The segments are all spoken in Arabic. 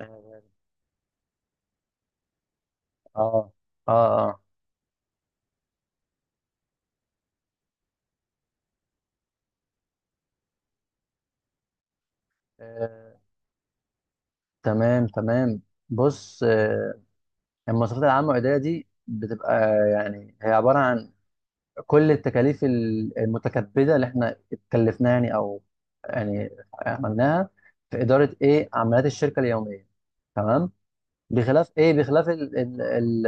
اه، اه، اه، آه، آه، تمام، تمام. بص، المواصفات العامة والإدارية دي بتبقى يعني هي عبارة عن كل التكاليف المتكبدة اللي احنا اتكلفناها، يعني، أو يعني عملناها في إدارة إيه عمليات الشركة اليومية. تمام. بخلاف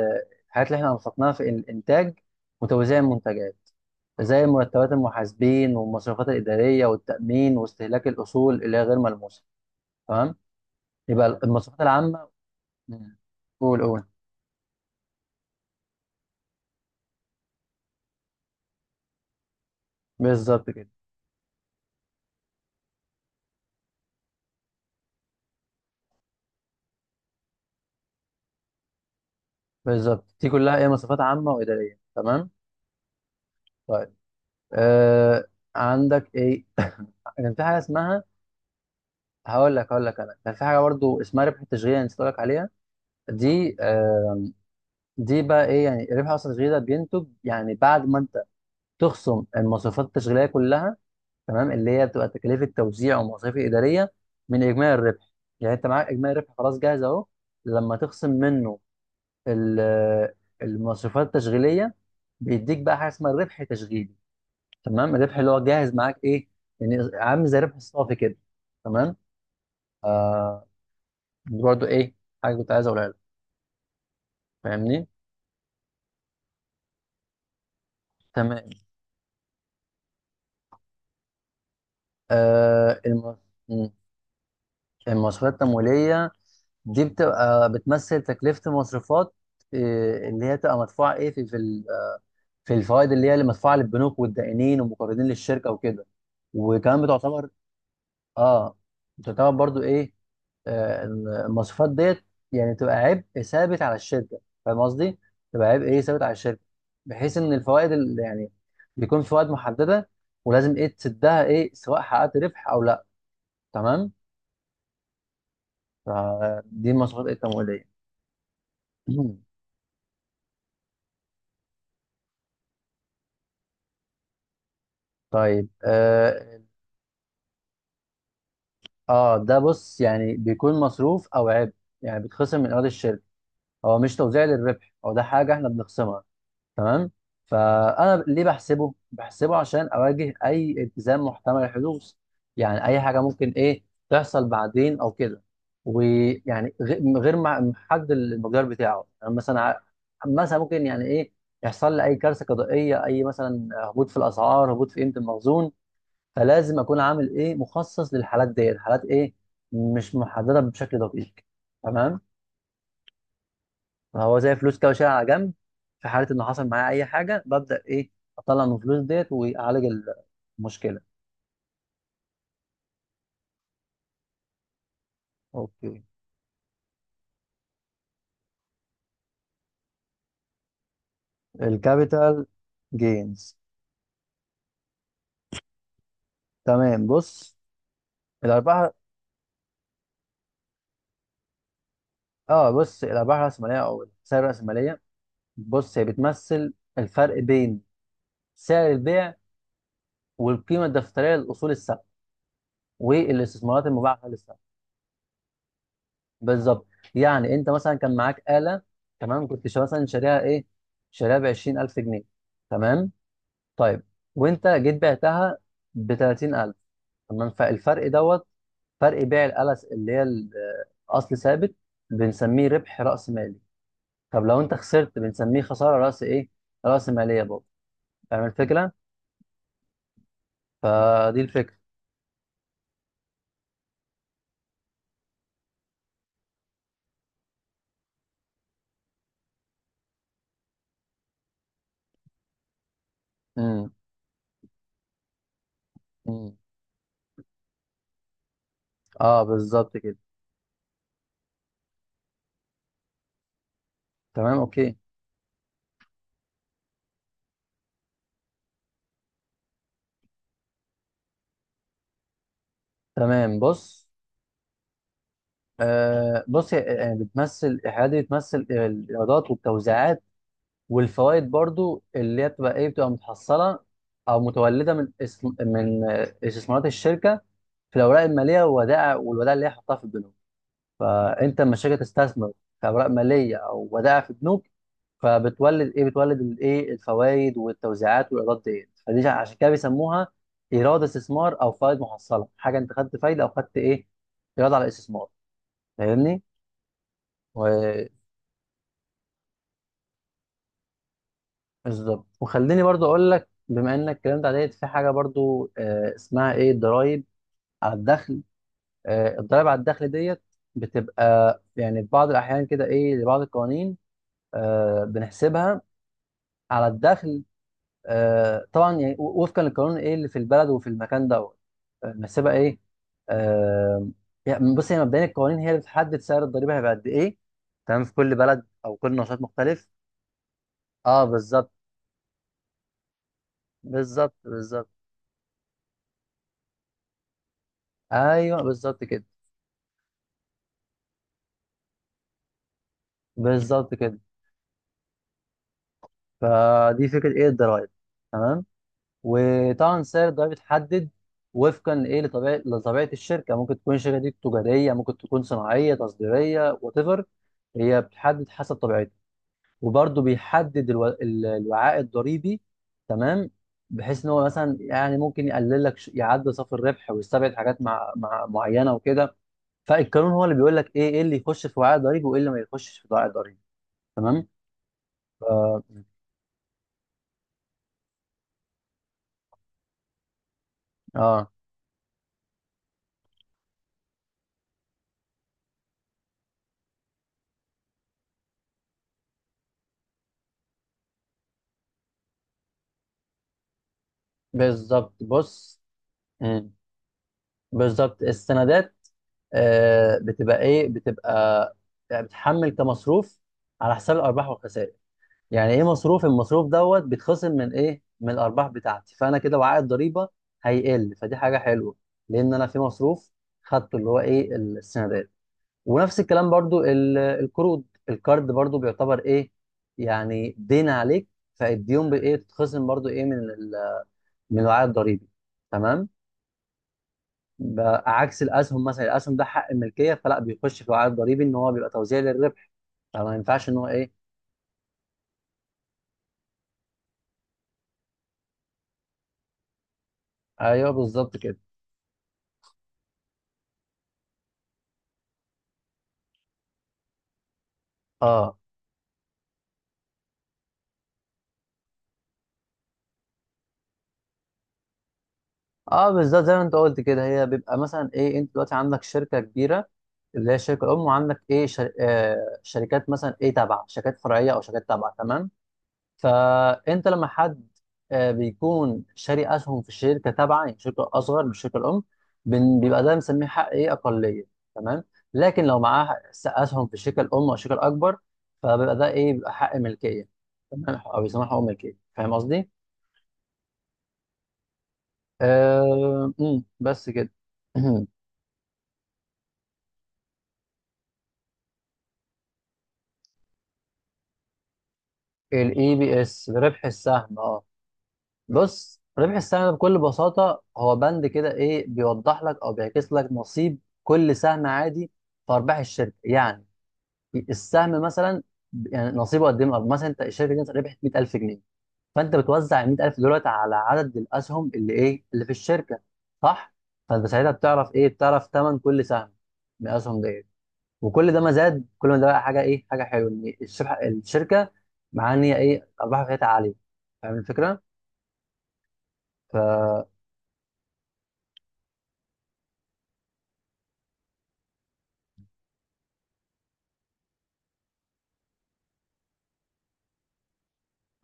الحاجات اللي احنا أنفقناها في الإنتاج وتوزيع المنتجات، زي مرتبات المحاسبين والمصروفات الإدارية والتأمين واستهلاك الأصول اللي هي غير ملموسة. تمام، يبقى المواصفات العامه. مم. قول، قول. بالظبط كده. بالظبط، دي كلها ايه؟ مواصفات عامه واداريه. تمام. طيب، آه، عندك ايه؟ كان في حاجه اسمها، هقول لك انا كان في حاجه برضو اسمها ربح التشغيل، انا نسيت اقول لك عليها. دي آه، دي بقى ايه يعني؟ ربح اصلا التشغيل ده بينتج يعني بعد ما انت تخصم المواصفات التشغيليه كلها، تمام، اللي هي بتبقى تكاليف التوزيع والمصاريف الاداريه، من اجمالي الربح. يعني انت معاك اجمالي الربح خلاص جاهز اهو، لما تخصم منه ال- المصروفات التشغيليه، بيديك بقى حاجه اسمها الربح التشغيلي. تمام، الربح اللي هو جاهز معاك ايه، يعني عامل زي الربح الصافي كده. تمام، دي برضو ايه، حاجه كنت عايز اقولها لك. فاهمني؟ تمام. آه الم... مم. المصروفات التمويليه دي بتبقى بتمثل تكلفه المصروفات، إيه اللي هي تبقى مدفوعه ايه في في الفوائد، اللي هي اللي مدفوعه للبنوك والدائنين والمقرضين للشركه وكده. وكمان بتعتبر، اه، بتعتبر برضو ايه، آه، المواصفات ديت يعني تبقى عبء ثابت على الشركه، فاهم قصدي؟ تبقى عبء ايه ثابت على الشركه، بحيث ان الفوائد اللي يعني بيكون في فوائد محدده، ولازم ايه تسدها ايه سواء حققت ربح او لا، تمام؟ فدي المواصفات ايه التمويليه. طيب، اه، ده بص، يعني بيكون مصروف او عبء، يعني بيتخصم من ايراد الشركه، هو مش توزيع للربح، هو ده حاجه احنا بنخصمها. تمام. فانا ليه بحسبه عشان اواجه اي التزام محتمل الحدوث. يعني اي حاجه ممكن ايه تحصل بعدين او كده، ويعني غ- غير مع- محدد المقدار بتاعه، يعني مثلا مثلا ممكن يعني ايه يحصل لي اي كارثه قضائيه، اي مثلا هبوط في الاسعار، هبوط في قيمه المخزون، فلازم اكون عامل ايه مخصص للحالات ديت، حالات ايه مش محدده بشكل دقيق. تمام. هو زي فلوس كده وشيلها على جنب، في حاله انه حصل معايا اي حاجه ببدا ايه اطلع من الفلوس ديت واعالج المشكله. اوكي، الكابيتال جينز. تمام، بص، الارباح، اه بص، الارباح الراسماليه او الخسائر الراسماليه، بص هي بتمثل الفرق بين سعر البيع والقيمه الدفتريه للاصول الثابته والاستثمارات المباحه خلال السنه. بالظبط. يعني انت مثلا كان معاك آلة، تمام، كنت شا- مثلا شاريها ايه، شاريها ب 20000 جنيه، تمام، طيب، وانت جيت بعتها ب 30000، تمام. فالفرق دوت، فرق بيع الألس اللي هي أصل ثابت، بنسميه ربح رأس مالي. طب لو انت خسرت بنسميه خسارة رأس ايه، رأس مالية برضه. فاهم الفكرة؟ فدي الفكرة. امم. مم. اه بالظبط كده. تمام، اوكي. تمام بص، آه بص، يعني بتمثل، الحاجات دي بتمثل الايرادات والتوزيعات والفوائد برضو، اللي هي بتبقى ايه، بتبقى متحصله او متولده من استثمارات الشركه في الاوراق الماليه والودائع، اللي هي حطها في البنوك. فانت لما الشركه تستثمر في اوراق ماليه او ودائع في بنوك، فبتولد ايه، بتولد الايه، الفوائد والتوزيعات والايرادات ديت. عشان كده بيسموها ايراد استثمار او فوائد محصله، حاجه انت خدت فايده او خدت ايه، ايراد على الاستثمار. فاهمني؟ بالظبط. وخليني برضو اقول لك، بما انك الكلام ده عليت، في حاجه برضو اسمها ايه الضرايب على الدخل. الضرايب على الدخل ديت بتبقى يعني في بعض الاحيان كده ايه لبعض القوانين بنحسبها على الدخل. طبعا يعني وفقا للقانون ايه اللي في البلد وفي المكان دوت، بنحسبها ايه، آه، يعني بص هي مبدئيا القوانين هي اللي بتحدد سعر الضريبه هيبقى قد ايه، تمام، في كل بلد او كل نشاط مختلف. اه بالظبط، بالظبط، بالظبط. ايوه بالظبط كده، بالظبط كده. فدي فكره ايه الضرايب، تمام. وطبعا سعر الضرايب بيتحدد وفقا لايه، لطبيعه الشركه. ممكن تكون الشركه دي تجاريه، ممكن تكون صناعيه، تصديريه، وات ايفر، هي بتحدد حسب طبيعتها. وبرده بيحدد الوعاء الضريبي. تمام، بحيث ان هو مثلا يعني ممكن يقلل لك يعدل صافي الربح ويستبعد حاجات مع... مع معينه وكده، فالقانون هو اللي بيقول لك ايه ايه اللي يخش في وعاء ضريبي وايه اللي ما يخشش في وعاء ضريبي. تمام. ف... اه بالظبط، بص، مم. بالظبط، السندات بتبقى ايه، بتبقى يعني بتحمل كمصروف على حساب الارباح والخسائر، يعني ايه مصروف، المصروف دوت بيتخصم من ايه، من الارباح بتاعتي، فانا كده وعاء الضريبه هيقل، فدي حاجه حلوه، لان انا في مصروف خدته اللي هو ايه السندات. ونفس الكلام برضو القروض، القرض برضو بيعتبر ايه، يعني دين عليك، فالديون بايه تتخصم برضو ايه من من الوعاء الضريبي. تمام. بقى عكس الاسهم مثلا، الاسهم ده حق الملكيه فلا بيخش في وعاء ضريبي، ان هو بيبقى توزيع للربح، فما ينفعش ان هو ايه. ايوه بالظبط كده. اه، اه بالظبط زي ما انت قلت كده، هي بيبقى مثلا ايه، انت دلوقتي عندك شركه كبيره اللي هي الشركه الام، وعندك ايه شر... آه شركات مثلا ايه تابعه، شركات فرعيه او شركات تابعه، تمام. فانت لما حد بيكون شاري اسهم في الشركه تابعه، يعني شركه اصغر من الشركه الام، بيبقى ده بنسميه حق ايه اقليه، تمام. لكن لو معاه اسهم في الشركه الام او الشركه الاكبر، فبيبقى ده ايه، بيبقى حق ملكيه، تمام، او بيسموه حق ملكيه. فاهم قصدي؟ آه... أمم، بس كده. الاي بي اس ربح السهم، اه. بص، ربح السهم بكل بساطة هو بند كده ايه بيوضح لك او بيعكس لك نصيب كل سهم عادي في ارباح الشركة. يعني السهم مثلا يعني نصيبه قد ايه من الأرباح. مثلا انت الشركة دي ربحت 100000 جنيه، فانت بتوزع ال 100000 دولت على عدد الاسهم اللي ايه اللي في الشركة، صح؟ فانت ساعتها بتعرف ايه، بتعرف ثمن كل سهم من الاسهم ديت، وكل ده ما زاد كل ما ده بقى حاجة ايه، حاجة حلوة، ان الشركة مع ان هي ايه ارباحها كانت عالية. فاهم الفكرة؟ ف...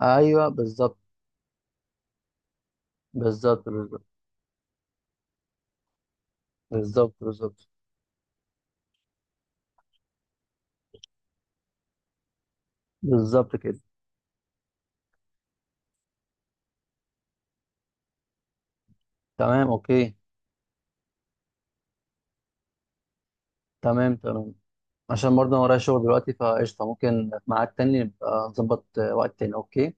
ايوه بالظبط، بالظبط، بالظبط، بالظبط، بالظبط، بالظبط كده. تمام، اوكي. تمام، تمام، عشان برضه انا ورايا شغل دلوقتي فقشطه، ممكن في ميعاد تاني نبقى نظبط وقت تاني. اوكي.